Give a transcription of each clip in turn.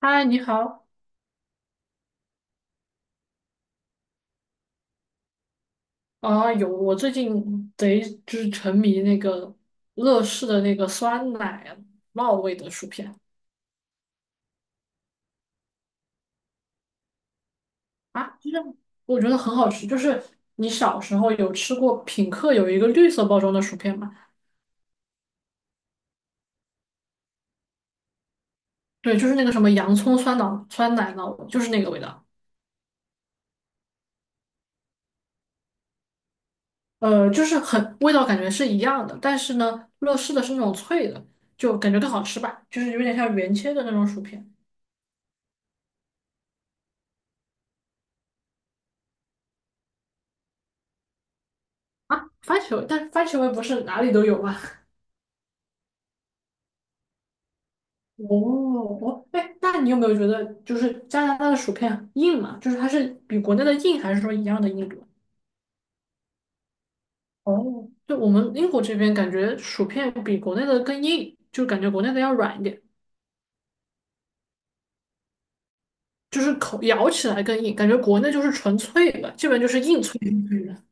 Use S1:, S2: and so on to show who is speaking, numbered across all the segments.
S1: 嗨，你好啊！有，我最近贼就是沉迷那个乐事的那个酸奶酪味的薯片啊，就是我觉得很好吃。就是你小时候有吃过品客有一个绿色包装的薯片吗？对，就是那个什么洋葱酸奶酪，就是那个味道。就是很味道感觉是一样的，但是呢，乐事的是那种脆的，就感觉更好吃吧，就是有点像原切的那种薯片啊。番茄味，但是番茄味不是哪里都有吗？哦，哦，哎，那你有没有觉得，就是加拿大的薯片硬嘛？就是它是比国内的硬，还是说一样的硬度？哦，就我们英国这边感觉薯片比国内的更硬，就感觉国内的要软一点，就是口咬起来更硬，感觉国内就是纯粹的，这边就是硬脆的。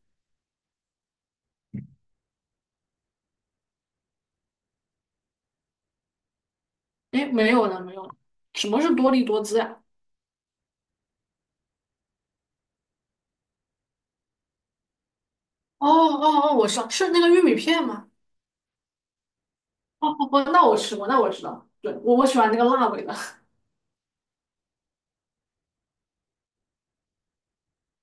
S1: 哎，没有了，没有了，什么是多利多滋呀、哦哦哦，我知道，是那个玉米片吗？哦哦哦，那我吃过，那我知道，对，我喜欢那个辣味的。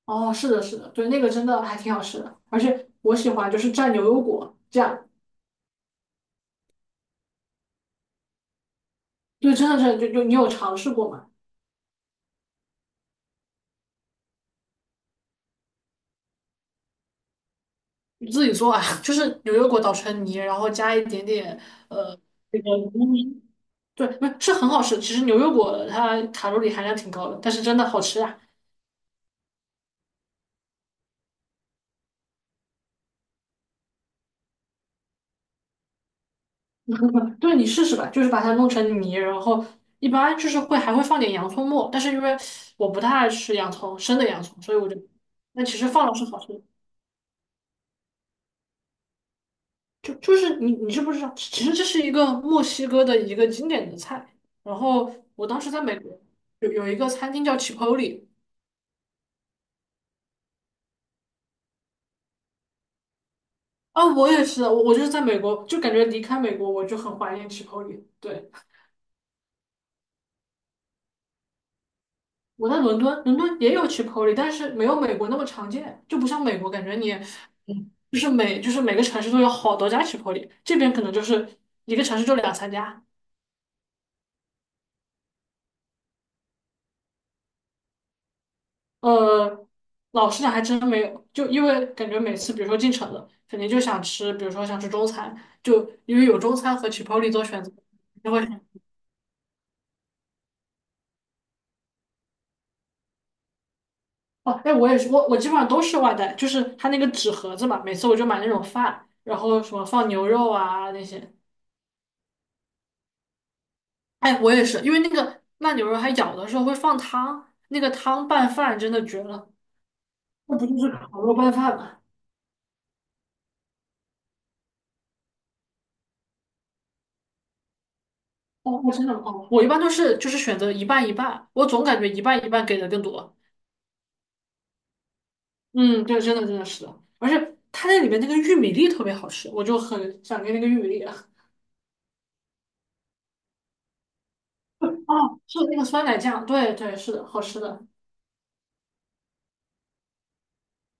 S1: 哦，是的，是的，对，那个真的还挺好吃的，而且我喜欢就是蘸牛油果这样，对，真的是就你有尝试过吗？你自己做啊，就是牛油果捣成泥，然后加一点点那个柠檬对，不是是很好吃。其实牛油果它卡路里含量挺高的，但是真的好吃啊。对，你试试吧，就是把它弄成泥，然后一般就是会还会放点洋葱末，但是因为我不太爱吃洋葱，生的洋葱，所以我就那其实放了是好吃的。就是你知不知道？其实这是一个墨西哥的一个经典的菜。然后我当时在美国有一个餐厅叫 Chipotle 啊，我也是，我就是在美国，就感觉离开美国我就很怀念 Chipotle。对，我在伦敦，伦敦也有 Chipotle，但是没有美国那么常见，就不像美国感觉你，嗯，就是每个城市都有好多家 Chipotle，这边可能就是一个城市就两三家。呃，老实讲还真没有，就因为感觉每次比如说进城了，肯定就想吃，比如说想吃中餐，就因为有中餐和 c h i 做选择，就会想哦，哎，我也是，我基本上都是外带，就是它那个纸盒子嘛，每次我就买那种饭，然后什么放牛肉啊那些，哎，我也是，因为那个慢牛肉它咬的时候会放汤，那个汤拌饭真的绝了，那不就是烤肉拌饭吗？哦，真的吗哦，我一般都是就是选择一半一半，我总感觉一半一半给的更多。嗯，对，真的真的是的，而且它那里面那个玉米粒特别好吃，我就很想念那个玉米粒啊。哦，是那个酸奶酱，对对，是的，好吃的。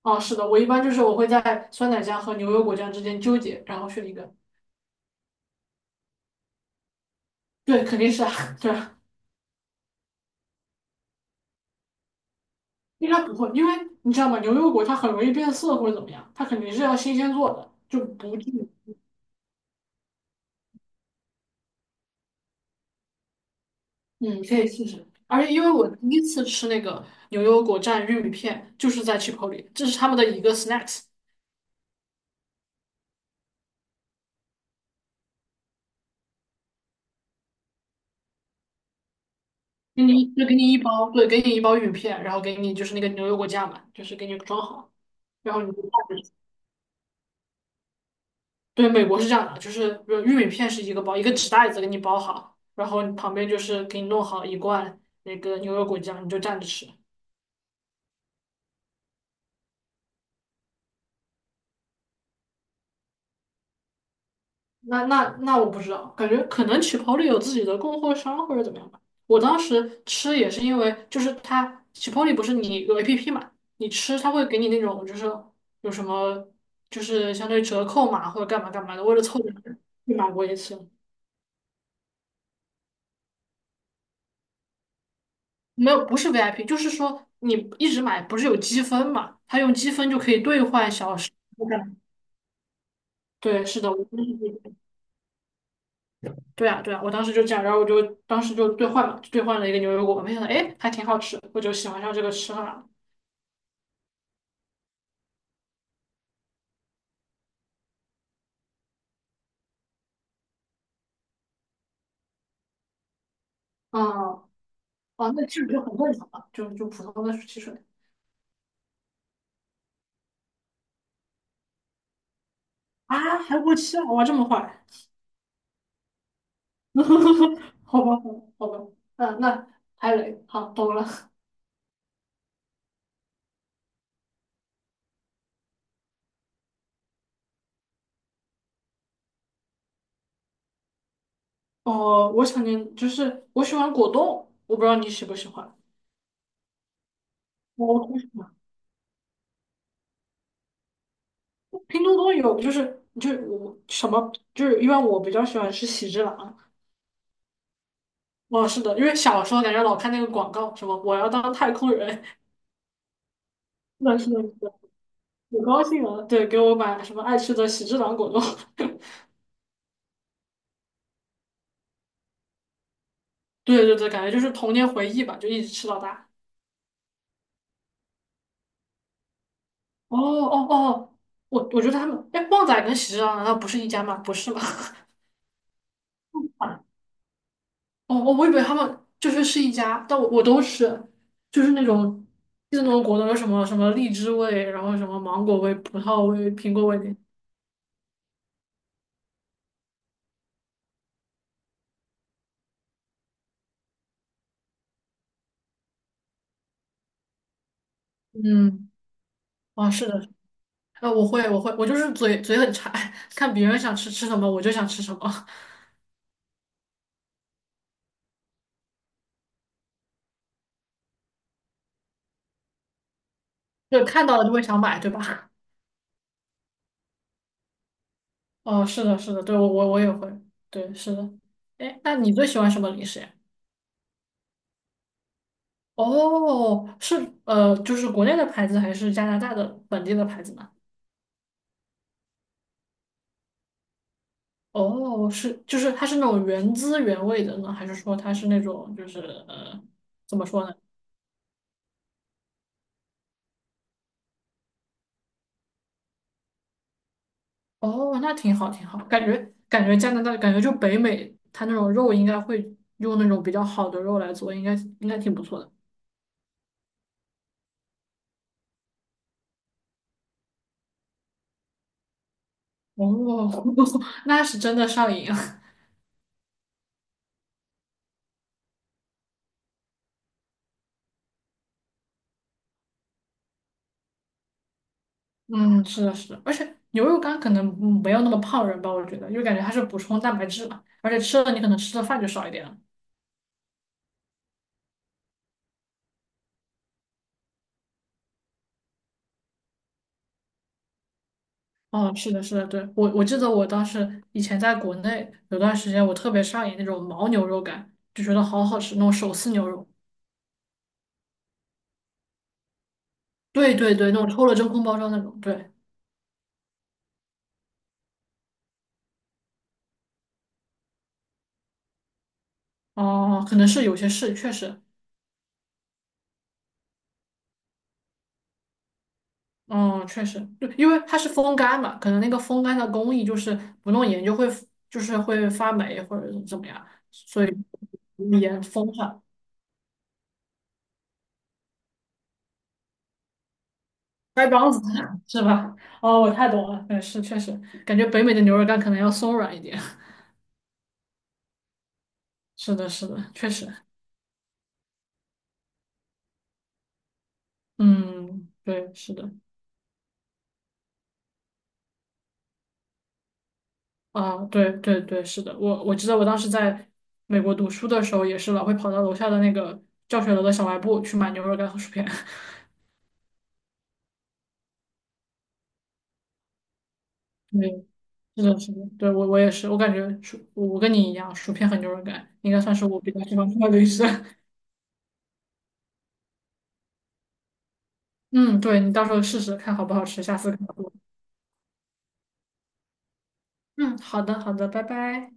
S1: 哦，是的，我一般就是我会在酸奶酱和牛油果酱之间纠结，然后选一个。对，肯定是啊，对，应该不会，因为你知道吗？牛油果它很容易变色或者怎么样，它肯定是要新鲜做的，就不至于。嗯，可以试试。而且因为我第一次吃那个牛油果蘸玉米片，就是在 Chipotle，这是他们的一个 snacks。给你就给你一包，对，给你一包玉米片，然后给你就是那个牛油果酱嘛，就是给你装好，然后你就带着。对，美国是这样的，就是比如玉米片是一个包，一个纸袋子给你包好，然后旁边就是给你弄好一罐那个牛油果酱，你就蘸着吃。那我不知道，感觉可能起泡里有自己的供货商或者怎么样吧。我当时吃也是因为，就是它起泡里不是你有 APP 嘛，你吃它会给你那种就是有什么就是相当于折扣嘛或者干嘛干嘛的，为了凑点儿去买过一次。没有，不是 VIP，就是说你一直买不是有积分嘛，它用积分就可以兑换小时。对，是的，我就是。对啊，对啊，我当时就这样，然后我就当时就兑换了，就兑换了一个牛油果，没想到哎还挺好吃，我就喜欢上这个吃法了。嗯，哦，那这个就很正常了，就就普通的汽水啊，还过期了，哇，这么坏，好吧，好吧，好吧，嗯，那还雷，好，懂了。哦，我想念就是我喜欢果冻，我不知道你喜不喜欢。我同事拼多多有，就是就我什么就是因为我比较喜欢吃喜之郎，哦，是的，因为小时候感觉老看那个广告，什么我要当太空人，那是的，是的，可高兴了。对，给我买什么爱吃的喜之郎果冻。对对对，感觉就是童年回忆吧，就一直吃到大。哦哦哦，我觉得他们，哎，旺仔跟喜之郎难道不是一家吗？不是吧？啊哦哦，我以为他们就是是一家，但我都吃，就是那种就是那种果冻，有什么什么荔枝味，然后什么芒果味、葡萄味、苹果味的。嗯，啊，是的。我会，我会，我就是嘴很馋，看别人想吃吃什么，我就想吃什么，就看到了就会想买，对吧？哦，是的，是的，对，我也会，对，是的。哎，那你最喜欢什么零食呀？哦，是就是国内的牌子还是加拿大的本地的牌子呢？哦，是，就是它是那种原汁原味的呢，还是说它是那种就是呃，怎么说呢？哦，那挺好，挺好。感觉感觉加拿大，感觉就北美，它那种肉应该会用那种比较好的肉来做，应该应该挺不错的。哦，那是真的上瘾。啊！嗯，是的，是的，而且牛肉干可能嗯没有那么胖人吧，我觉得，因为感觉它是补充蛋白质嘛，而且吃了你可能吃的饭就少一点了。哦，是的，是的，对，我记得我当时以前在国内有段时间，我特别上瘾那种牦牛肉干，就觉得好好吃，那种手撕牛肉，对对对，那种抽了真空包装那种，对。哦，可能是有些是，确实，哦，确实，就因为它是风干嘛，可能那个风干的工艺就是不弄盐就会就是会发霉或者怎么样，盐风上，腮帮子 是吧？哦，我太懂了，嗯，是确实，感觉北美的牛肉干可能要松软一点。是的，是的，确实，嗯，对，是的，啊，对对对，是的，我记得我当时在美国读书的时候也是老会跑到楼下的那个教学楼的小卖部去买牛肉干和薯片。是的，是的，对，我也是，我感觉薯，我跟你一样，薯片和牛肉干应该算是我比较喜欢吃的零食。嗯，对，你到时候试试看好不好吃，下次告诉我。嗯，好的，好的，拜拜。